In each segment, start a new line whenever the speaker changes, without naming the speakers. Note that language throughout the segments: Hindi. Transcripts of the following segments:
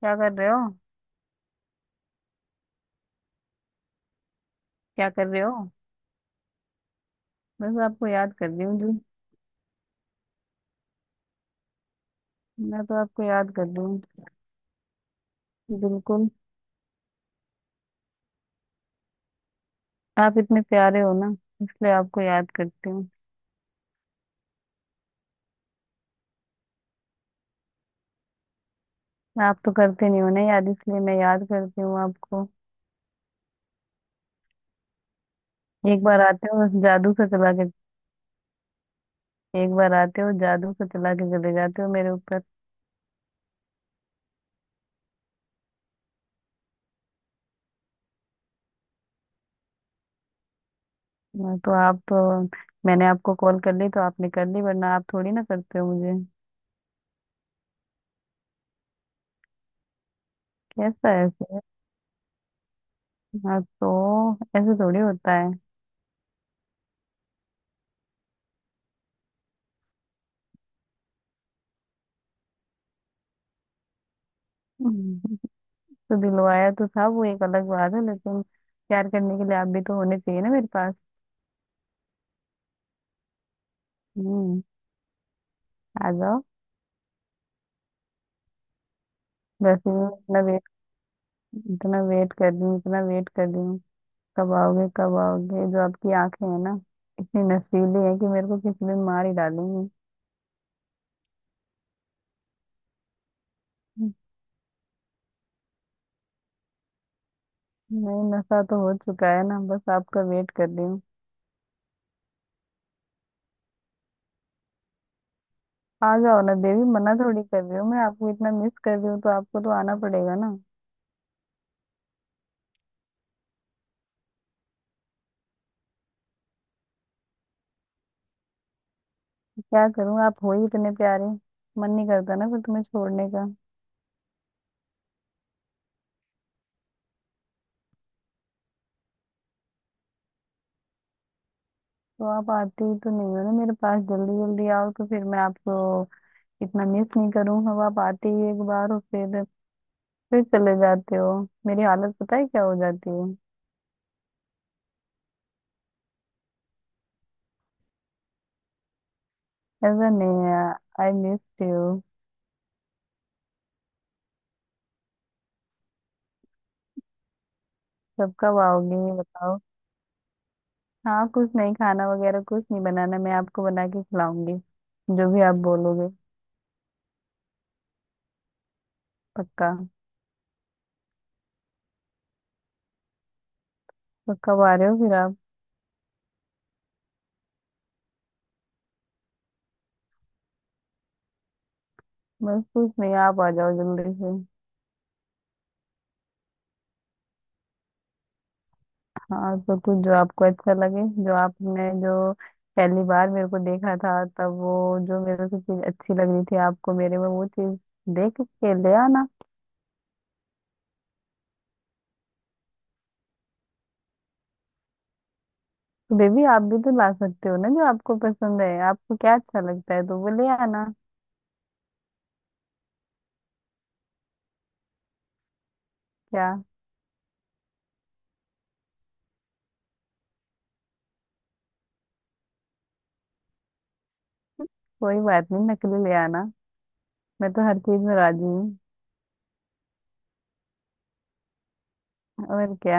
क्या कर रहे हो? क्या कर रहे हो? बस आपको याद कर रही हूँ जी। मैं तो आपको याद कर रही हूँ। बिल्कुल। आप इतने प्यारे हो ना, इसलिए आपको याद करती हूँ। आप तो करते नहीं हो ना याद, इसलिए मैं याद करती हूँ आपको। एक बार आते हो बस जादू से चला के। एक बार आते हो जादू से चला के चले जाते हो मेरे ऊपर। मैं तो आप तो मैंने आपको कॉल कर ली तो आपने कर ली, वरना आप थोड़ी ना करते हो मुझे। कैसा है ऐसे? हाँ तो ऐसे थोड़ी होता है। तो दिलवाया तो था वो एक अलग बात है, लेकिन प्यार करने के लिए आप भी तो होने चाहिए ना मेरे पास। हम्म। आ जाओ। वैसे भी इतना वेट कर रही हूँ, इतना वेट कर रही हूँ। कब आओगे? कब आओगे? जो आपकी आंखें हैं ना, इतनी नशीली है कि मेरे को किसी दिन मार ही डालेंगी। नहीं नशा तो हो चुका है ना, बस आपका वेट कर रही हूँ। आ जाओ ना देवी, मना थोड़ी कर रही हूँ मैं, आपको इतना मिस कर रही हूँ तो आपको तो आना पड़ेगा ना। क्या करूँ, आप हो ही इतने प्यारे। मन नहीं करता ना फिर तुम्हें छोड़ने का। तो आप आते ही तो नहीं हो ना मेरे पास, जल्दी जल्दी आओ तो फिर मैं आपको इतना मिस नहीं करूँ। अब आप आते ही एक बार और फिर चले जाते हो। मेरी हालत पता है क्या हो जाती है। ऐसा नहीं है। I miss you. कब कब आओगे ये बताओ। हाँ कुछ नहीं, खाना वगैरह कुछ नहीं बनाना, मैं आपको बना के खिलाऊंगी जो भी आप बोलोगे। पक्का। तो कब आ रहे हो फिर आप? बस कुछ नहीं, आप आ जाओ जल्दी से। हाँ तो कुछ जो आपको अच्छा लगे, जो आपने जो पहली बार मेरे को देखा था तब वो जो मेरे को चीज अच्छी लग रही थी आपको मेरे में, वो चीज देख के ले आना। तो बेबी आप भी तो ला सकते हो ना, जो आपको पसंद है, आपको क्या अच्छा लगता है तो वो ले आना। क्या? कोई बात नहीं, नकली ले आना। मैं तो हर चीज में राजी हूँ। और क्या।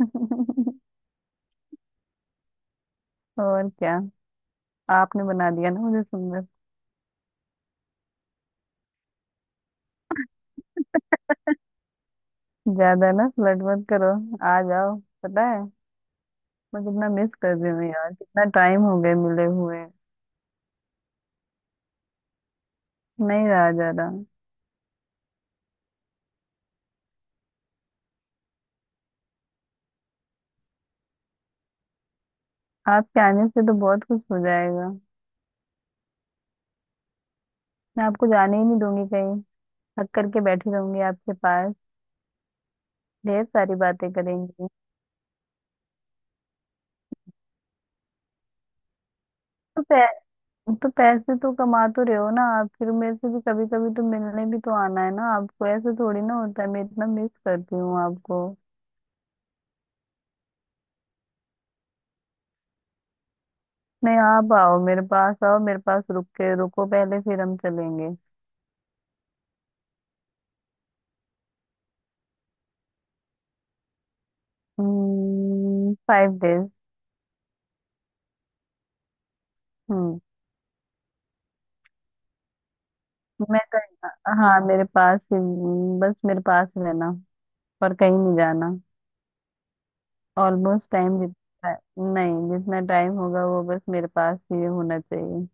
और क्या, आपने बना दिया ना मुझे सुंदर। ज्यादा ना फ्लर्ट मत करो। आ जाओ। पता है मैं कितना मिस कर रही हूँ यार, कितना टाइम हो गया मिले हुए। नहीं रहा जा रहा। आपके आने से तो बहुत कुछ हो जाएगा। मैं आपको जाने ही नहीं दूंगी कहीं। थक करके बैठी रहूंगी आपके पास। ढेर सारी बातें करेंगी। तो पै, तो पैसे तो कमा तो रहे हो ना आप, फिर मेरे से भी कभी कभी तो मिलने भी तो आना है ना आपको, ऐसे थोड़ी ना होता है, मैं इतना मिस करती हूँ आपको। नहीं आप आओ मेरे पास, आओ मेरे पास, रुक के रुको पहले फिर हम चलेंगे। Five days. Hmm. five days। हम्म। मैं कहीं हाँ मेरे पास ही, बस मेरे पास रहना, पर कहीं नहीं जाना। ऑलमोस्ट टाइम जितना नहीं जितना टाइम होगा वो बस मेरे पास ही होना चाहिए।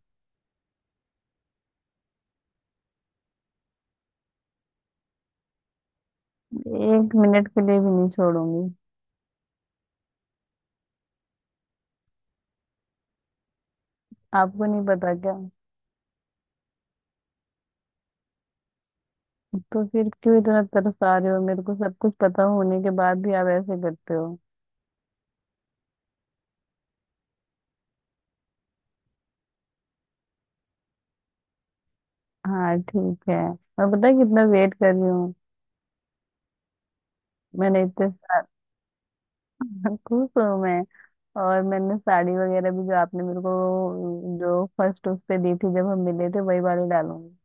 एक मिनट के लिए भी नहीं छोड़ूंगी। आपको नहीं पता क्या। तो फिर क्यों इतना तरसा रहे हो मेरे को, सब कुछ पता होने के बाद भी आप ऐसे करते हो। हाँ ठीक है, मैं पता है कितना वेट कर रही हूँ। मैंने इतने खुश हूँ मैं। और मैंने साड़ी वगैरह भी जो आपने मेरे को जो फर्स्ट उस पे दी थी जब हम मिले थे, वही वाली डालूंगी।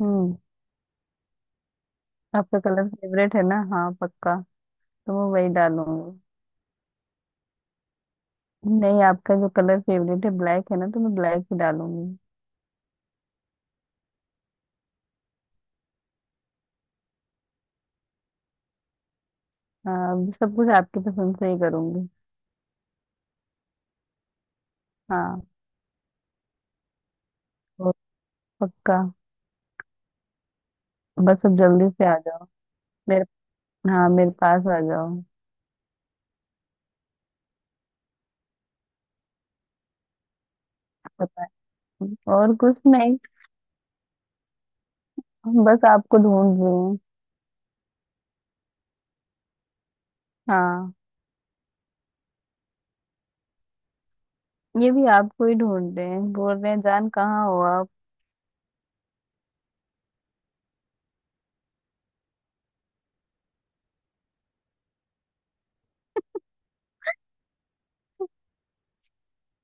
हम्म। आपका कलर फेवरेट है ना, हाँ पक्का, तो मैं वही डालूंगी। नहीं आपका जो कलर फेवरेट है ब्लैक है ना, तो मैं ब्लैक ही डालूंगी। हाँ अभी सब कुछ आपकी पसंद से ही करूंगी। हाँ। तो पक्का। बस अब जल्दी से आ जाओ मेरे, हाँ मेरे पास आ जाओ। पता नहीं, और कुछ नहीं, बस आपको ढूंढ रही हूँ। हाँ। ये भी आपको ही ढूंढ रहे हैं, बोल रहे हैं जान कहाँ हो आप।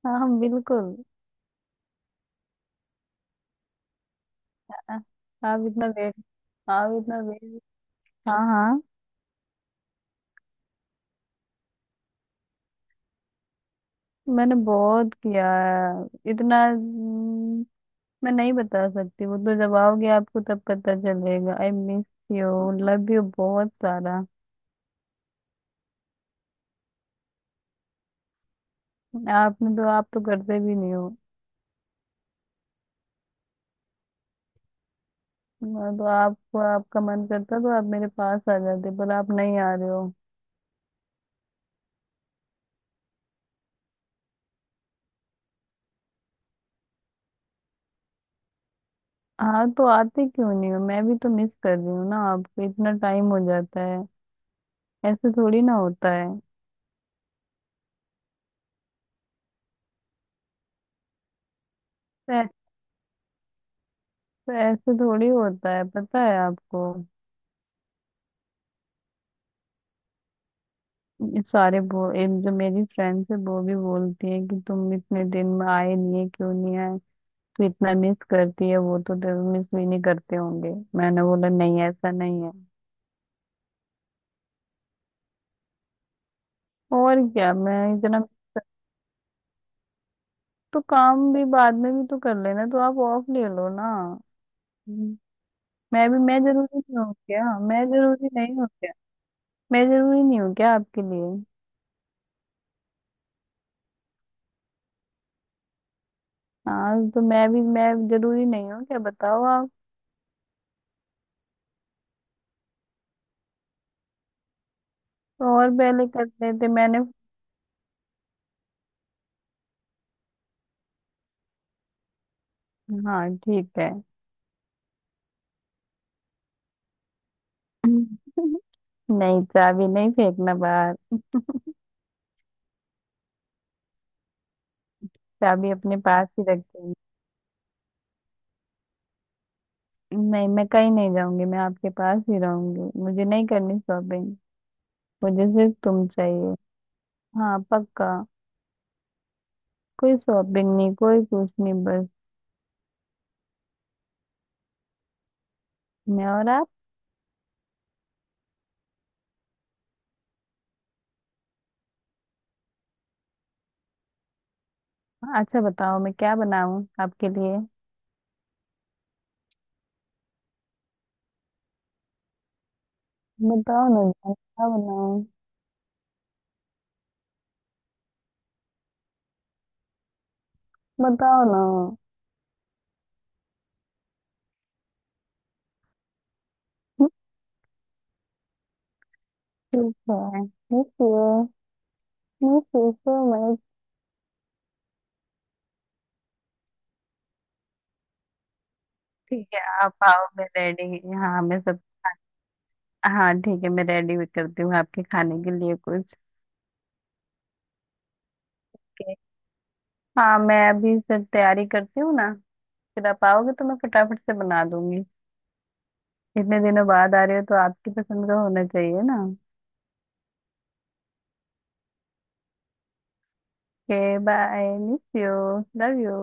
हाँ हम बिल्कुल। आ- आप इतना वेट आप इतना वेट। हाँ हाँ। मैंने बहुत किया है। इतना मैं नहीं बता सकती, वो तो जब आओगे आपको तब पता चलेगा। I miss you. Love you बहुत सारा। आपने तो, आप तो करते भी नहीं हो। मैं तो आपको, आपका मन करता तो आप मेरे पास आ जाते पर आप नहीं आ रहे हो। हाँ तो आते क्यों नहीं हो, मैं भी तो मिस कर रही हूँ ना आपको, इतना टाइम हो जाता है, ऐसे थोड़ी ना होता है। ऐसे ऐसे थोड़ी होता है पता है आपको। ये सारे बो ये जो मेरी फ्रेंड्स है वो भी बोलती है कि तुम इतने दिन में आए नहीं है क्यों नहीं आए, तू इतना मिस करती है वो तो तेरे मिस भी नहीं करते होंगे। मैंने बोला नहीं ऐसा नहीं है। और क्या, मैं इतना तो काम भी बाद में भी तो कर लेना, तो आप ऑफ ले लो ना। हम्म। मैं जरूरी नहीं हूँ क्या, मैं जरूरी नहीं हूँ क्या, मैं जरूरी नहीं हूँ क्या आपके लिए। हाँ तो मैं जरूरी नहीं हूँ क्या बताओ आप। और पहले कर लेते मैंने। हाँ ठीक है। नहीं चाबी नहीं फेंकना बाहर, चाबी अपने पास ही रखेंगे। नहीं मैं कहीं नहीं जाऊंगी, मैं आपके पास ही रहूंगी, मुझे नहीं करनी शॉपिंग, मुझे सिर्फ तुम चाहिए। हाँ पक्का। कोई शॉपिंग नहीं, कोई कुछ नहीं, बस मैं और आप। अच्छा बताओ मैं क्या बनाऊं आपके लिए, बताओ ना जान, क्या बनाऊं, बताओ ना। ठीक है ठीक है। मैं सोचो मैं ठीक है आप आओ, मैं रेडी, हाँ मैं सब, हाँ ठीक है, मैं रेडी भी करती हूँ आपके खाने के लिए कुछ। के हाँ मैं अभी सब तैयारी करती हूँ ना, फिर आप आओगे तो मैं फटाफट से बना दूंगी, इतने दिनों बाद आ रहे हो तो आपकी पसंद का होना चाहिए ना। Okay, bye, miss you, love you.